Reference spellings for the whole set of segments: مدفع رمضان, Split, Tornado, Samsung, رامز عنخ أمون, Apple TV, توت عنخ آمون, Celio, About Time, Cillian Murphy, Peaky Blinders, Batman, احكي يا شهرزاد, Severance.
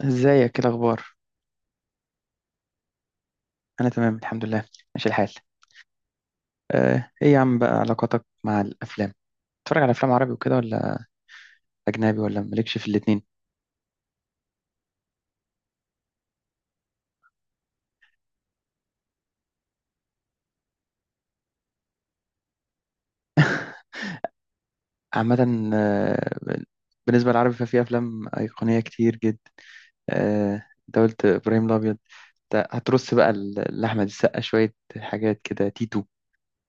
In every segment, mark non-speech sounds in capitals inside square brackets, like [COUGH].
ازيك؟ ايه الاخبار؟ انا تمام الحمد لله. ماشي الحال. ايه يا عم بقى علاقاتك مع الافلام؟ بتتفرج على افلام عربي وكده ولا اجنبي ولا مالكش في الاتنين؟ عامه. آه، بالنسبه للعربي ففي افلام ايقونيه كتير جدا. آه، انت قلت ابراهيم الابيض، انت هترص بقى لاحمد السقا شويه حاجات كده، تيتو،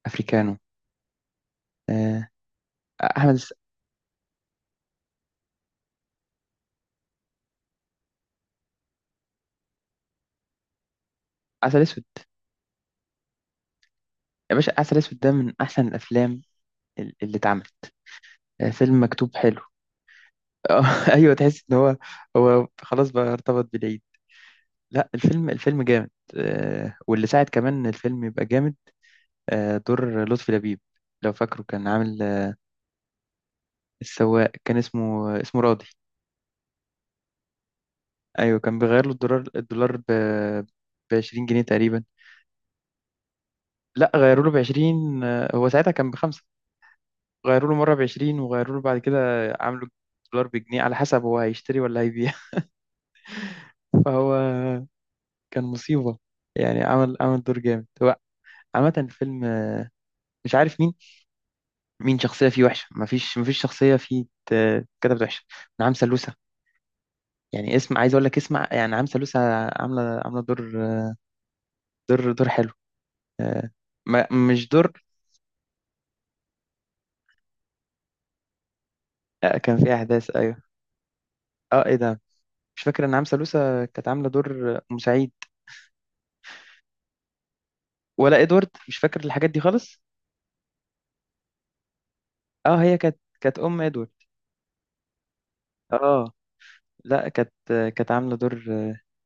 افريكانو. آه، احمد الس- عسل اسود. يا باشا عسل اسود ده من احسن الافلام اللي اتعملت. فيلم مكتوب حلو. [LAUGHS] آه، ايوه تحس ان هو، هو خلاص بقى ارتبط بالعيد. لا الفيلم جامد. واللي ساعد كمان ان الفيلم يبقى جامد، دور لطفي لبيب. لو فاكره كان عامل. السواق كان اسمه راضي. ايوه كان بيغير له الدولار ب 20 جنيه تقريبا. لا غيروا له ب 20، هو ساعتها كان بخمسة. غيروا له مره ب 20 وغيروا له بعد كده، عملوا الدولار بجنيه على حسب هو هيشتري ولا هيبيع. [LAUGHS] فهو كان مصيبه، يعني عمل دور جامد هو. عامة الفيلم، مش عارف مين، مين شخصية فيه وحشة. مفيش شخصية فيه كتبت وحشة. نعم سلوسة، يعني اسم عايز اقول لك اسمع، يعني نعم سلوسة. عاملة دور، دور حلو. آه، مش دور. كان فيه احداث، ايوه. اه ايه ده، مش فاكر ان نعم سلوسة كانت عاملة دور مساعد، ولا ادوارد، مش فاكر الحاجات دي خالص. اه هي كانت ام ادوارد. اه. لا كانت عاملة دور،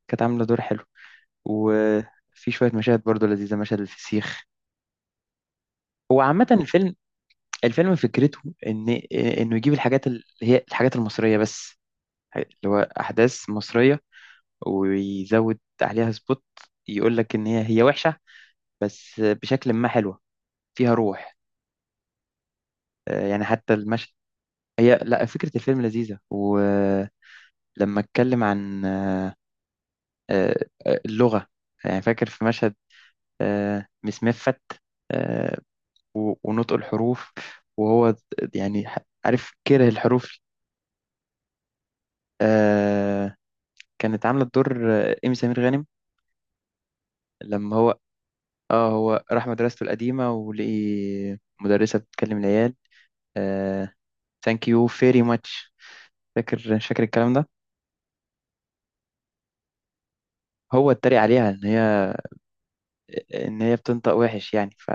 كانت عاملة دور حلو. وفي شوية مشاهد برضو لذيذة، مشهد الفسيخ. هو عامة الفيلم، الفيلم فكرته ان، انه يجيب الحاجات اللي هي الحاجات المصريه بس، اللي هو احداث مصريه، ويزود عليها سبوت، يقول لك ان هي وحشه بس بشكل ما حلوه، فيها روح. يعني حتى المشهد. هي لا فكره الفيلم لذيذه، ولما اتكلم عن آه، اللغه، يعني فاكر في مشهد مسمفت، آه، ونطق الحروف، وهو يعني عارف كره الحروف. آه، كانت عاملة دور إيمي سمير غانم. لما هو، اه هو راح مدرسته القديمة ولقي مدرسة بتكلم العيال ثانك يو فيري ماتش. فاكر، مش فاكر الكلام ده. هو اتريق عليها ان هي، ان هي بتنطق وحش يعني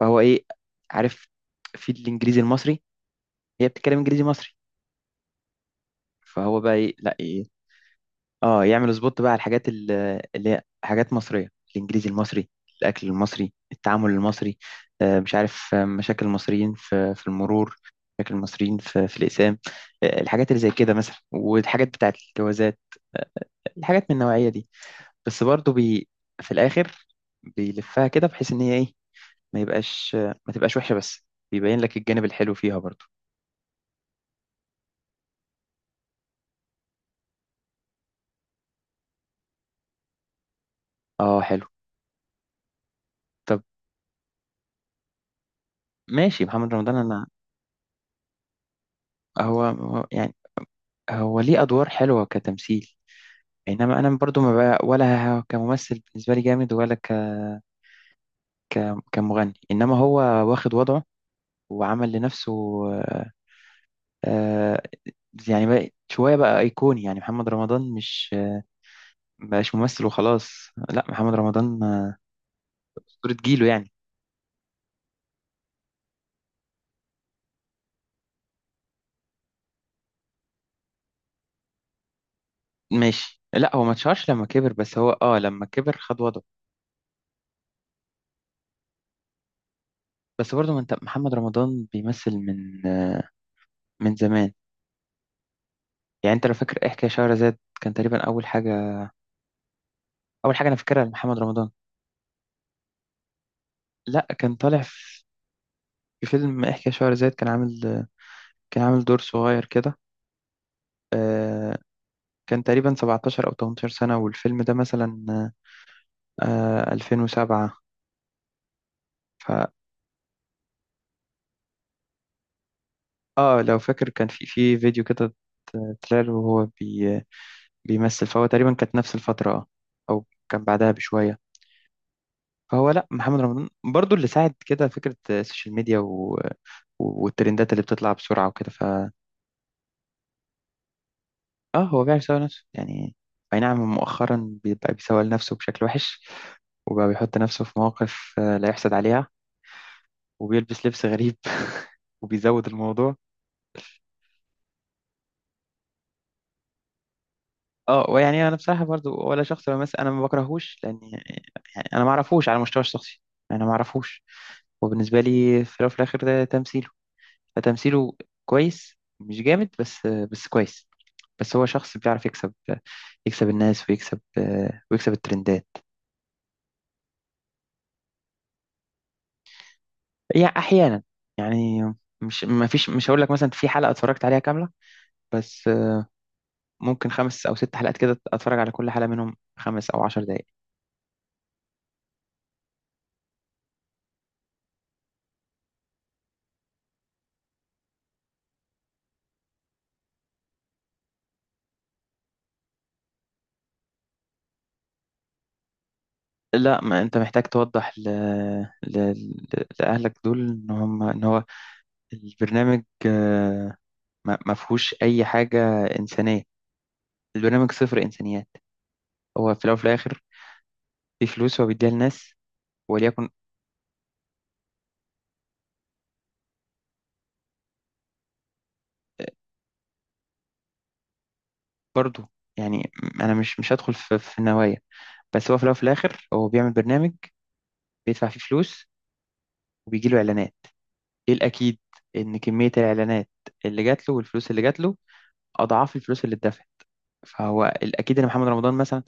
فهو ايه، عارف، في الانجليزي المصري، هي بتتكلم انجليزي مصري. فهو بقى ايه، لا، اه يعمل سبوت بقى على الحاجات اللي هي حاجات مصرية، الانجليزي المصري، الاكل المصري، التعامل المصري، مش عارف، مشاكل المصريين في في المرور، مشاكل المصريين في الاقسام، الحاجات اللي زي كده مثلا، والحاجات بتاعت الجوازات، آه، الحاجات من النوعية دي. بس برضو في الاخر بيلفها كده بحيث ان هي ايه، ما يبقاش ما تبقاش وحشة بس، بيبين لك الجانب الحلو فيها برضو. اه حلو. طب ماشي، محمد رمضان انا، يعني هو ليه ادوار حلوة كتمثيل. انما انا برضو ما بقى ولا كممثل بالنسبه لي جامد ولا ك... كمغني. انما هو واخد وضعه وعمل لنفسه، آه، آه، يعني بقى شويه بقى ايقوني، يعني محمد رمضان مش مبقاش ممثل وخلاص، لا محمد رمضان اسطوره جيله يعني. ماشي لا هو ما اتشهرش لما كبر، بس هو اه لما كبر خد وضعه. بس برضو ما انت محمد رمضان بيمثل من من زمان، يعني انت لو فاكر احكي يا شهرزاد كان تقريبا اول حاجه، اول حاجه انا فاكرها لمحمد رمضان. لا كان طالع في، في فيلم احكي يا شهرزاد كان عامل، كان عامل دور صغير كده. آه، كان تقريبا 17 او 18 سنة، والفيلم ده مثلا 2007. ف اه لو فاكر كان في فيديو كده، طلع له وهو بيمثل. فهو تقريبا كانت نفس الفترة اه، او كان بعدها بشوية. فهو لا محمد رمضان برضو اللي ساعد كده فكرة السوشيال ميديا والترندات اللي بتطلع بسرعة وكده. اه هو بيعرف يسوق نفسه يعني. اي نعم مؤخرا بيبقى بيسوق لنفسه بشكل وحش، وبقى بيحط نفسه في مواقف لا يحسد عليها، وبيلبس لبس غريب. [LAUGHS] وبيزود الموضوع. اه ويعني انا بصراحه برضو ولا شخص بمثل انا ما بكرهوش لان يعني، انا ما اعرفوش على المستوى الشخصي، انا ما اعرفوش. وبالنسبه لي في الاول وفي الاخر ده تمثيله، فتمثيله كويس، مش جامد بس كويس. بس هو شخص بيعرف يكسب، يكسب الناس ويكسب ويكسب الترندات. يعني احيانا، يعني مش ما فيش، مش هقول لك مثلا في حلقه اتفرجت عليها كامله، بس ممكن خمس أو ست حلقات كده أتفرج على كل حلقة منهم خمس أو عشر دقايق. لا ما أنت محتاج توضح ل... لأهلك دول إن هم، إن هو البرنامج ما فيهوش أي حاجة إنسانية. البرنامج صفر إنسانيات. هو في الأول وفي الآخر في فلوس هو بيديها للناس، وليكن. برضه يعني، أنا مش هدخل في, في النوايا، بس هو في الأول وفي الآخر هو بيعمل برنامج بيدفع فيه فلوس، وبيجيله إعلانات. إيه الأكيد إن كمية الإعلانات اللي جات له والفلوس اللي جات له اضعاف الفلوس اللي اتدفعت. فهو الاكيد ان محمد رمضان مثلا،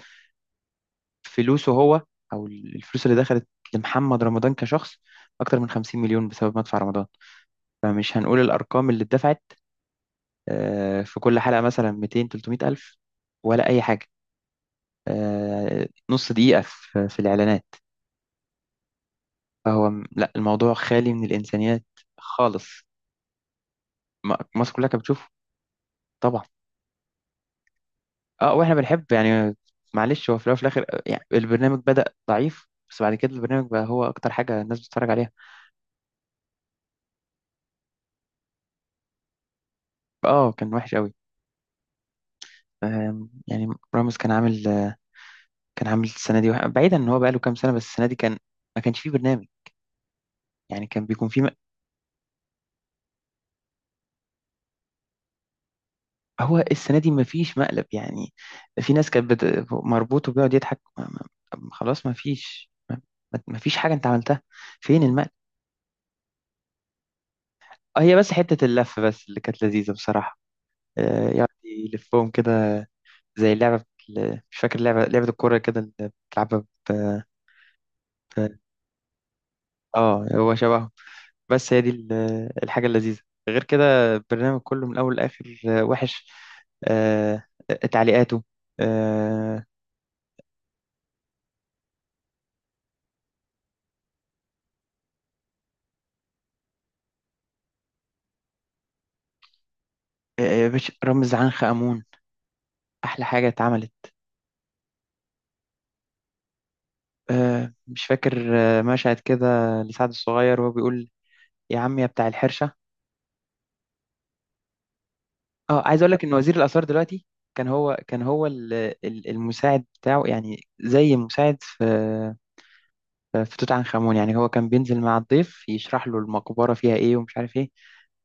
فلوسه هو، او الفلوس اللي دخلت لمحمد رمضان كشخص اكتر من 50 مليون بسبب مدفع رمضان. فمش هنقول الارقام اللي اتدفعت، في كل حلقه مثلا 200 300 الف، ولا اي حاجه، نص دقيقه في الاعلانات. فهو لا الموضوع خالي من الانسانيات خالص. مصر كلها كانت بتشوفه، طبعا. اه واحنا بنحب يعني، معلش هو في الاول وفي الاخر يعني البرنامج بدأ ضعيف بس بعد كده البرنامج بقى هو اكتر حاجة الناس بتتفرج عليها. اه كان وحش قوي. يعني راموس كان عامل كان عامل السنة دي بعيدا ان هو بقى له كام سنة، بس السنة دي كان، ما كانش فيه برنامج. يعني كان بيكون فيه هو السنة دي ما فيش مقلب يعني. في ناس كانت مربوط وبيقعد يضحك ما... ما... خلاص ما فيش ما فيش حاجة انت عملتها، فين المقلب؟ هي بس حتة اللف بس اللي كانت لذيذة بصراحة، يقعد يلفهم كده زي اللعبة مش فاكر لعبة الكورة كده اللي بتلعبها ب... اه هو شبههم. بس هي دي الحاجة اللذيذة. غير كده البرنامج كله من الأول لآخر وحش، آه، تعليقاته، آه، يا باشا رامز عنخ أمون أحلى حاجة اتعملت. مش فاكر مشهد كده لسعد الصغير وهو بيقول يا عم يا بتاع الحرشة. اه عايز اقول لك ان وزير الآثار دلوقتي كان هو، المساعد بتاعه، يعني زي مساعد في، في توت عنخ آمون. يعني هو كان بينزل مع الضيف يشرح له المقبرة فيها إيه ومش عارف إيه،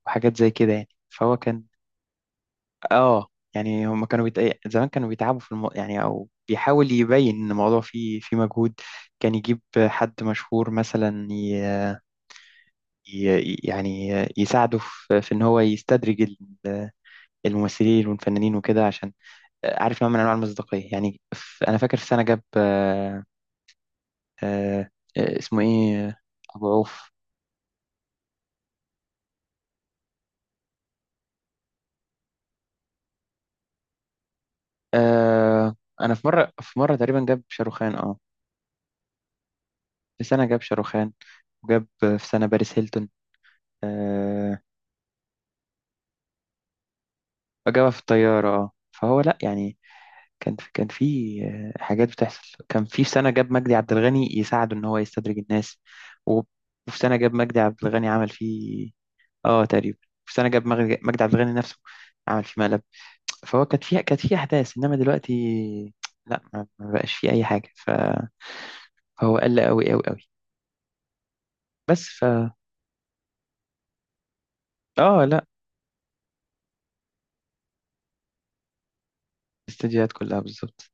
وحاجات زي كده يعني. فهو كان آه، يعني هم كانوا زمان كانوا بيتعبوا في يعني، أو بيحاول يبين إن الموضوع فيه مجهود. كان يجيب حد مشهور مثلا يعني يساعده في... في إن هو يستدرج الممثلين والفنانين وكده، عشان عارف نوع من أنواع المصداقية يعني. أنا فاكر في سنة جاب آه... اسمه إيه؟ أبو عوف. آه انا في مره، تقريبا جاب شاروخان، اه. في سنه جاب شاروخان، وجاب في سنه باريس هيلتون، آه. وجابها في الطياره اه. فهو لا يعني كان في، حاجات بتحصل. كان في سنه جاب مجدي عبد الغني يساعده ان هو يستدرج الناس، و- وفي سنه جاب مجدي عبد الغني عمل فيه، اه تقريبا. في سنه جاب مجدي عبد الغني نفسه عمل فيه مقلب. فهو كانت فيها، كانت فيه احداث، انما دلوقتي لا ما بقاش فيه اي حاجه فهو قل قوي قوي قوي. بس ف اه لا، الاستديوهات كلها بالظبط.